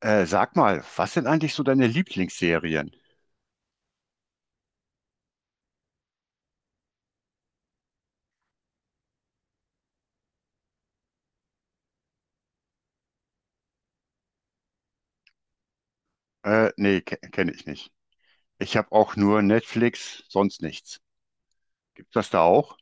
Sag mal, was sind eigentlich so deine Lieblingsserien? Nee, ke kenne ich nicht. Ich habe auch nur Netflix, sonst nichts. Gibt das da auch?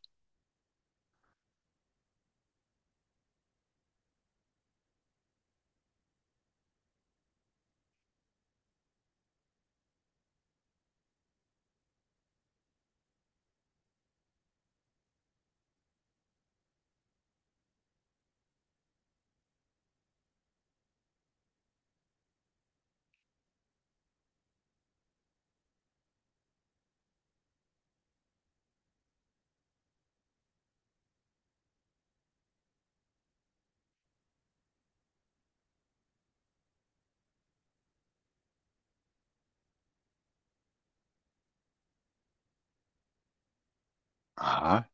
Aha.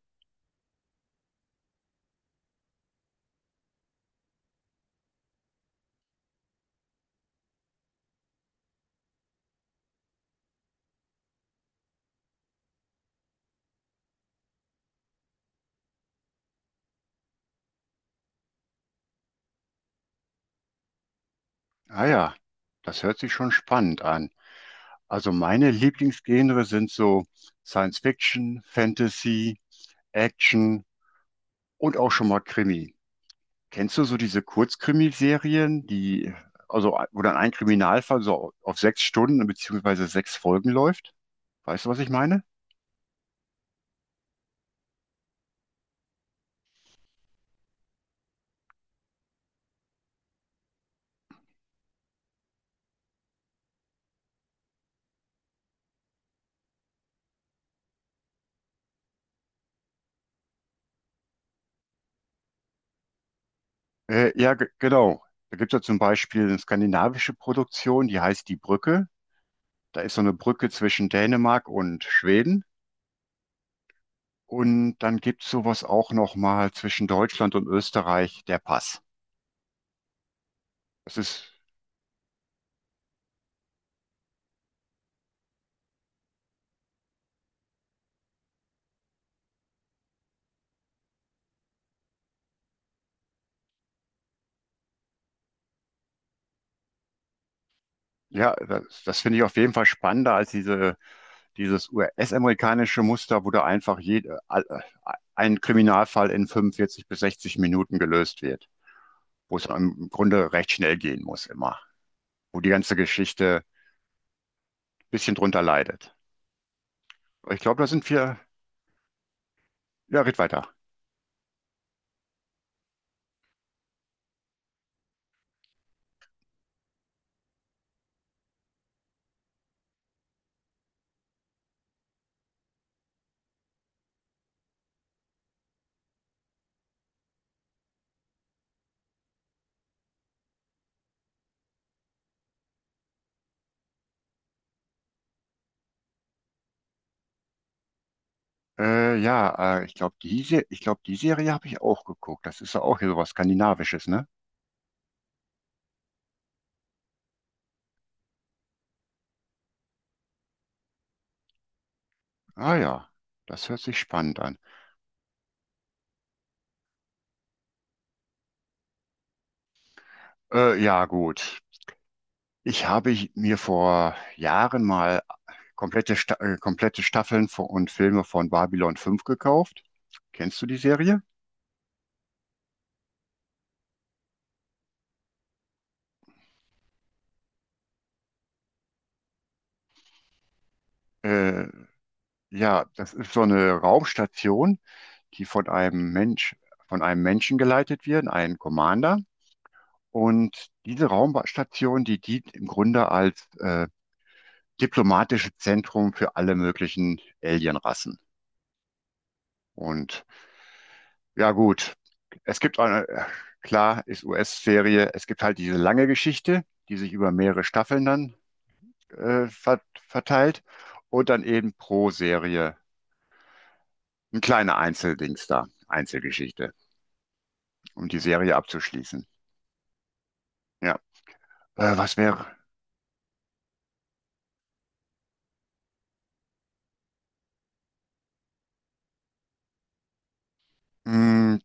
Ah ja, das hört sich schon spannend an. Also meine Lieblingsgenre sind so Science Fiction, Fantasy, Action und auch schon mal Krimi. Kennst du so diese Kurzkrimiserien, die also wo dann ein Kriminalfall so auf sechs Stunden beziehungsweise sechs Folgen läuft? Weißt du, was ich meine? Ja, genau. Da gibt es ja zum Beispiel eine skandinavische Produktion, die heißt Die Brücke. Da ist so eine Brücke zwischen Dänemark und Schweden. Und dann gibt es sowas auch nochmal zwischen Deutschland und Österreich, der Pass. Das ist, ja, das, das finde ich auf jeden Fall spannender als dieses US-amerikanische Muster, wo da einfach ein Kriminalfall in 45 bis 60 Minuten gelöst wird, wo es im Grunde recht schnell gehen muss immer. Wo die ganze Geschichte bisschen drunter leidet. Ich glaube, da sind wir. Ja, red weiter. Ja, ich glaube, ich glaub, die Serie habe ich auch geguckt. Das ist ja auch hier sowas Skandinavisches, ne? Ah ja, das hört sich spannend an. Ja, gut. Ich habe mir vor Jahren mal komplette Staffeln von, und Filme von Babylon fünf gekauft. Kennst du die Serie? Äh, ja, das ist so eine Raumstation, die von einem Mensch, von einem Menschen geleitet wird, einem Commander. Und diese Raumstation, die dient im Grunde als diplomatisches Zentrum für alle möglichen Alienrassen. Und ja gut, es gibt klar, ist US-Serie, es gibt halt diese lange Geschichte, die sich über mehrere Staffeln dann äh, ver verteilt und dann eben pro Serie ein kleiner Einzeldings da, Einzelgeschichte, um die Serie abzuschließen. Ja, äh, was wäre, hm,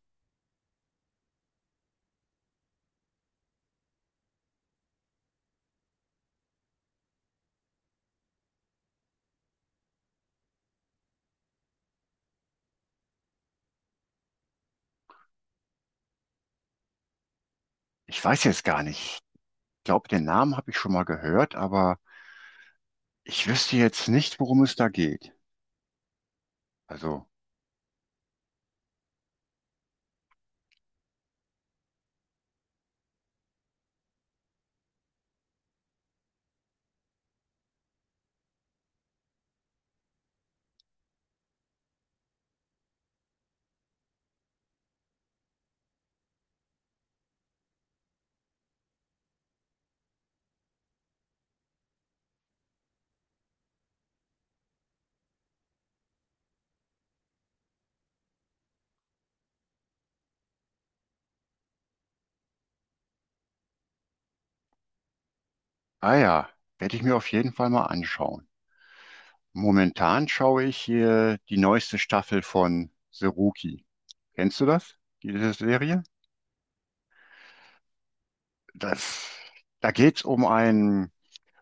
ich weiß jetzt gar nicht. Ich glaube, den Namen habe ich schon mal gehört, aber ich wüsste jetzt nicht, worum es da geht. Also, ah ja, werde ich mir auf jeden Fall mal anschauen. Momentan schaue ich hier die neueste Staffel von The Rookie. Kennst du das? Diese Serie? Das, da geht's um einen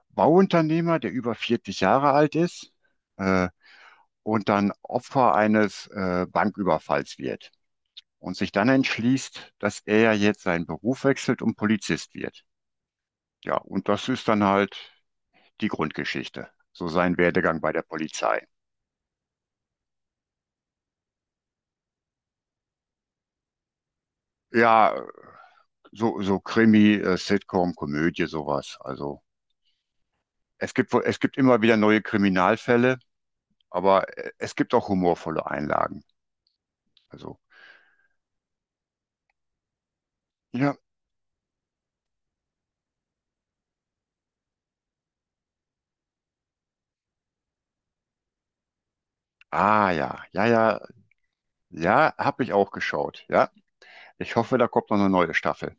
Bauunternehmer, der über 40 Jahre alt ist, äh, und dann Opfer eines, Banküberfalls wird und sich dann entschließt, dass er jetzt seinen Beruf wechselt und Polizist wird. Ja, und das ist dann halt die Grundgeschichte, so sein Werdegang bei der Polizei. Ja, so, so Krimi, Sitcom, Komödie, sowas. Also es gibt, wohl- es gibt immer wieder neue Kriminalfälle, aber es gibt auch humorvolle Einlagen. Also, ja, ah ja, ja, ja, ja, habe ich auch geschaut. Ja, ich hoffe, da kommt noch eine neue Staffel.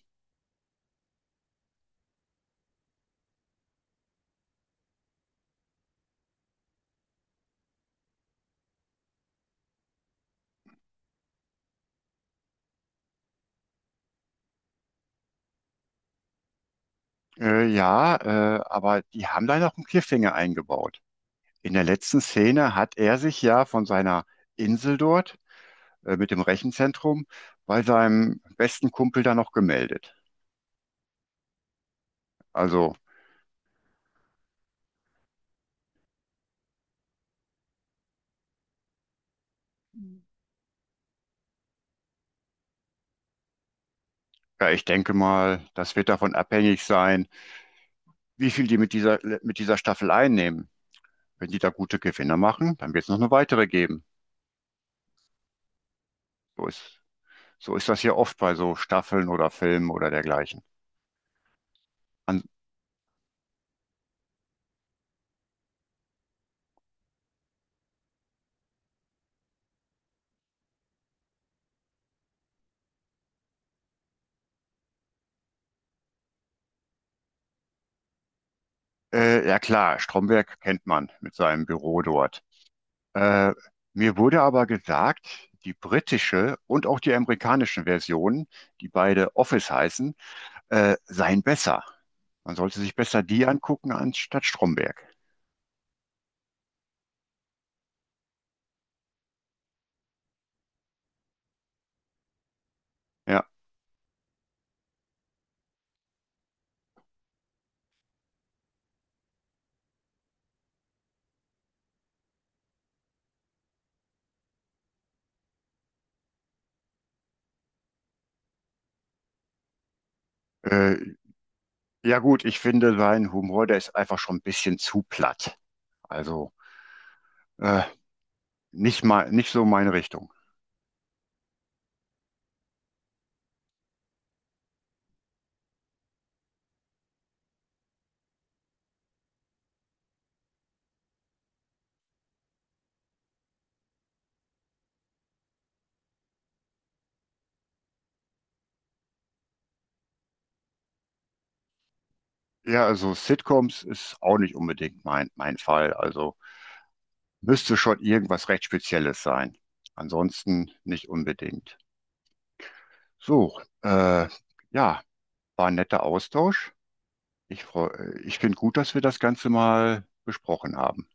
Ja, aber die haben da noch einen Cliffhanger eingebaut. In der letzten Szene hat er sich ja von seiner Insel dort mit dem Rechenzentrum bei seinem besten Kumpel da noch gemeldet. Also, ja, ich denke mal, das wird davon abhängig sein, wie viel die mit mit dieser Staffel einnehmen. Wenn die da gute Gewinne machen, dann wird es noch eine weitere geben. So ist, so ist das hier oft bei so Staffeln oder Filmen oder dergleichen. An, ja klar, Stromberg kennt man mit seinem Büro dort. Äh, Mir wurde aber gesagt, die britische und auch die amerikanische Version, die beide Office heißen, seien besser. Man sollte sich besser die angucken anstatt Stromberg. Ja, äh, ja gut, ich finde sein Humor, der ist einfach schon ein bisschen zu platt. Also äh, nicht mal, nicht so meine Richtung. Ja, also Sitcoms ist auch nicht unbedingt mein Fall. Also müsste schon irgendwas recht Spezielles sein. Ansonsten nicht unbedingt. So, äh, ja, war ein netter Austausch. Ich finde gut, dass wir das Ganze mal besprochen haben.